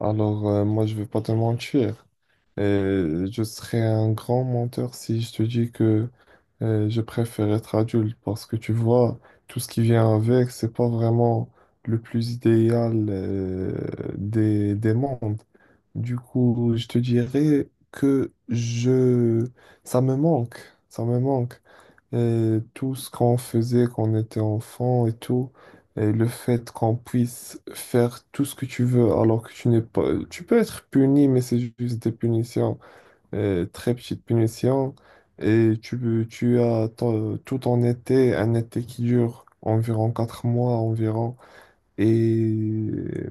Alors, moi, je vais pas te mentir. Et je serais un grand menteur si je te dis que je préfère être adulte parce que tu vois, tout ce qui vient avec, c'est pas vraiment le plus idéal des mondes. Du coup, je te dirais que je... ça me manque, ça me manque. Et tout ce qu'on faisait quand on était enfant et tout. Et le fait qu'on puisse faire tout ce que tu veux alors que tu n'es pas... Tu peux être puni, mais c'est juste des punitions, très petites punitions. Et tu as tout ton été, un été qui dure environ quatre mois environ. Et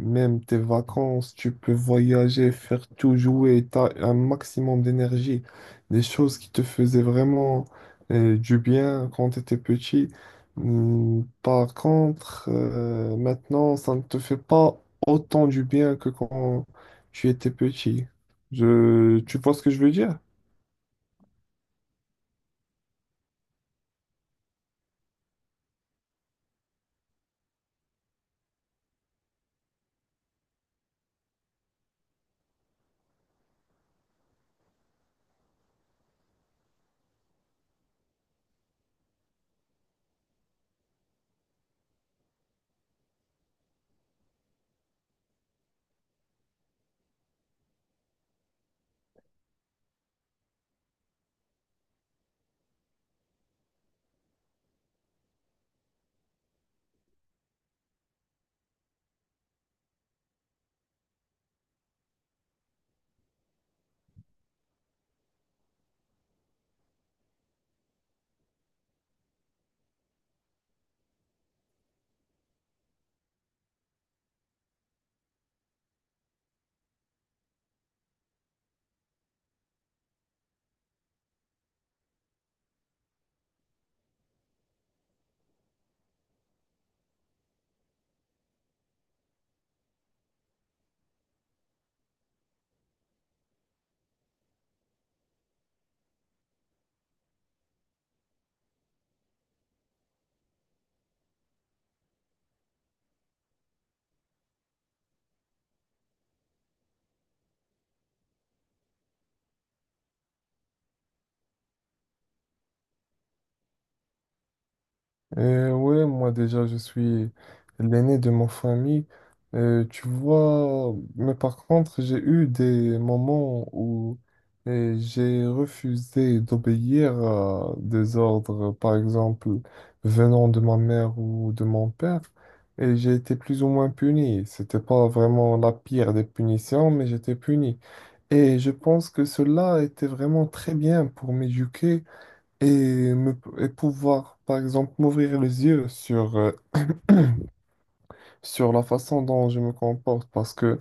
même tes vacances, tu peux voyager, faire tout, jouer, tu as un maximum d'énergie. Des choses qui te faisaient vraiment du bien quand tu étais petit. Par contre, maintenant, ça ne te fait pas autant du bien que quand tu étais petit. Tu vois ce que je veux dire? Ouais, moi déjà, je suis l'aîné de ma famille. Tu vois, mais par contre, j'ai eu des moments où j'ai refusé d'obéir à des ordres, par exemple, venant de ma mère ou de mon père, et j'ai été plus ou moins puni. C'était pas vraiment la pire des punitions, mais j'étais puni. Et je pense que cela était vraiment très bien pour m'éduquer et pouvoir, par exemple, m'ouvrir les yeux sur sur la façon dont je me comporte parce que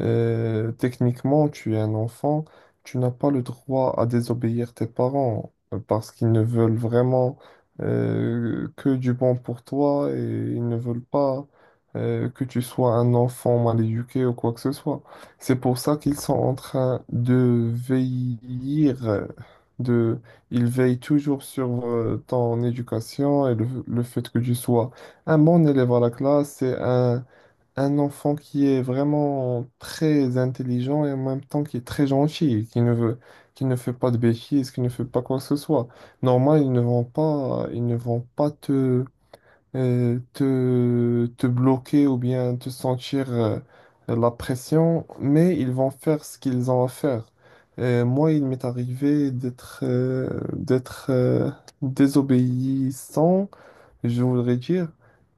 techniquement, tu es un enfant, tu n'as pas le droit à désobéir tes parents parce qu'ils ne veulent vraiment que du bon pour toi et ils ne veulent pas que tu sois un enfant mal éduqué ou quoi que ce soit. C'est pour ça qu'ils sont en train de veiller, de, ils veillent toujours sur ton éducation et le fait que tu sois un bon élève à la classe, c'est un enfant qui est vraiment très intelligent et en même temps qui est très gentil, qui ne fait pas de bêtises, qui ne fait pas quoi que ce soit. Normal, ils ne vont pas te bloquer ou bien te sentir, la pression, mais ils vont faire ce qu'ils ont à faire. Moi, il m'est arrivé d'être, désobéissant je voudrais dire.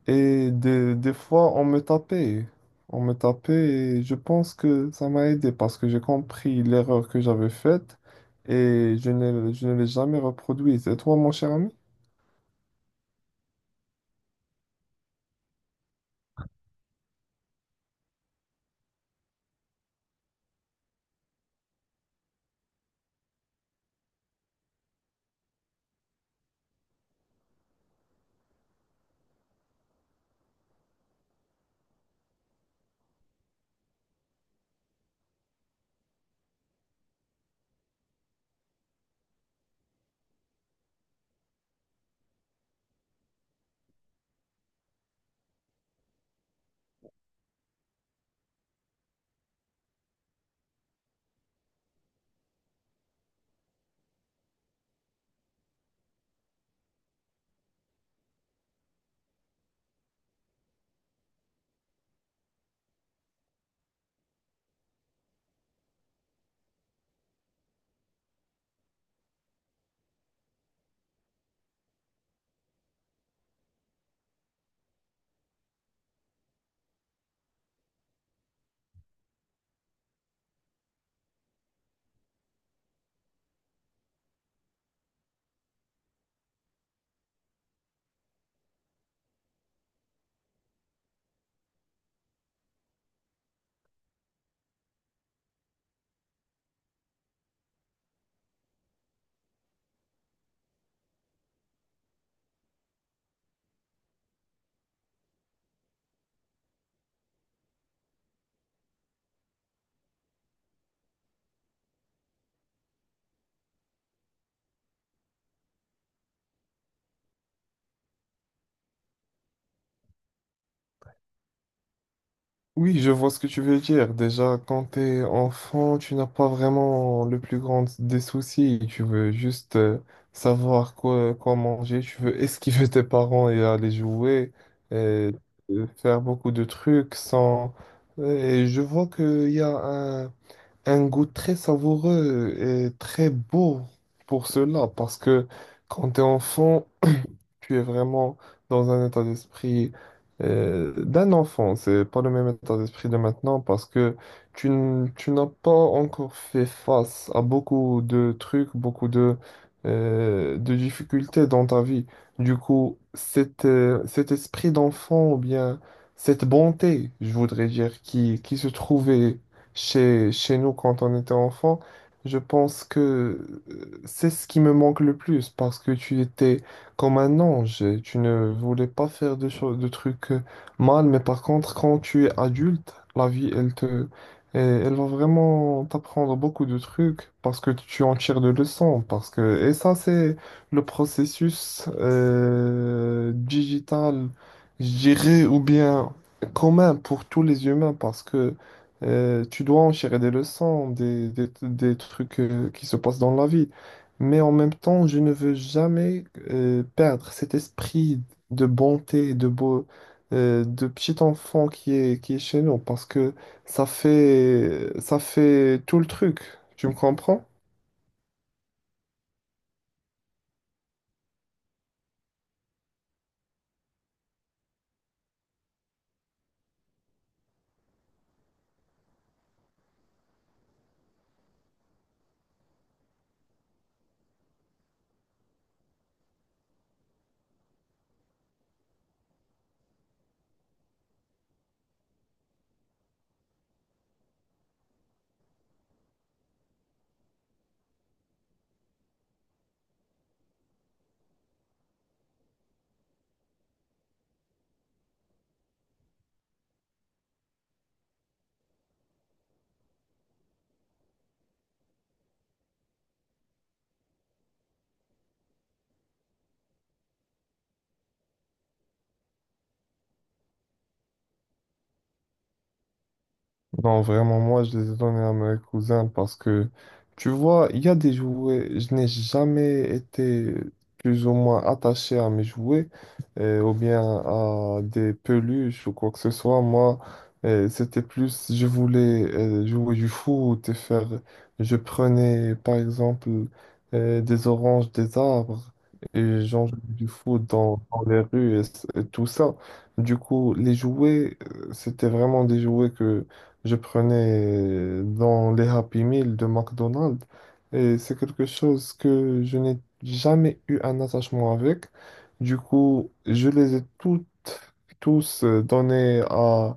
Et des fois, on me tapait. On me tapait et je pense que ça m'a aidé parce que j'ai compris l'erreur que j'avais faite et je ne l'ai jamais reproduite. Et toi, mon cher ami? Oui, je vois ce que tu veux dire. Déjà, quand t'es enfant, tu n'as pas vraiment le plus grand des soucis. Tu veux juste savoir quoi manger. Tu veux esquiver tes parents et aller jouer et faire beaucoup de trucs sans... Et je vois qu'il y a un, un goût très savoureux et très beau pour cela parce que quand t'es enfant, tu es vraiment dans un état d'esprit d'un enfant. C'est pas le même état d'esprit de maintenant parce que tu n'as pas encore fait face à beaucoup de trucs, de difficultés dans ta vie. Du coup, cet esprit d'enfant ou bien cette bonté, je voudrais dire, qui se trouvait chez nous quand on était enfant, je pense que c'est ce qui me manque le plus parce que tu étais comme un ange. Tu ne voulais pas faire de choses, de trucs mal, mais par contre, quand tu es adulte, la vie, elle va vraiment t'apprendre beaucoup de trucs parce que tu en tires des leçons. Parce que, et ça, c'est le processus digital, je dirais, ou bien commun pour tous les humains parce que tu dois en tirer des leçons, des trucs qui se passent dans la vie mais en même temps, je ne veux jamais perdre cet esprit de bonté, de beau, de petit enfant qui est chez nous, parce que ça fait tout le truc. Tu me comprends? Non, vraiment, moi, je les ai donnés à mes cousins parce que, tu vois, il y a des jouets, je n'ai jamais été plus ou moins attaché à mes jouets ou bien à des peluches ou quoi que ce soit. Moi, c'était plus, je voulais jouer du foot et faire, je prenais par exemple des oranges, des arbres et j'en jouais du foot dans les rues et et tout ça. Du coup, les jouets, c'était vraiment des jouets que je prenais dans les Happy Meal de McDonald's et c'est quelque chose que je n'ai jamais eu un attachement avec. Du coup, je les ai toutes, tous donnés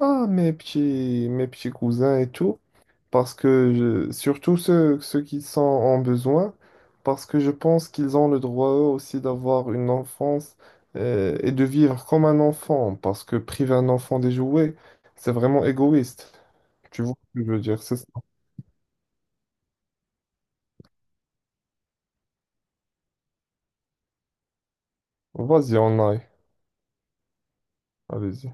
à mes petits cousins et tout, parce que surtout ceux qui sont en besoin, parce que je pense qu'ils ont le droit eux aussi d'avoir une enfance et de vivre comme un enfant, parce que priver un enfant des jouets, c'est vraiment égoïste. Tu vois ce que je veux dire, c'est ça. Vas-y, on aille. Allez-y.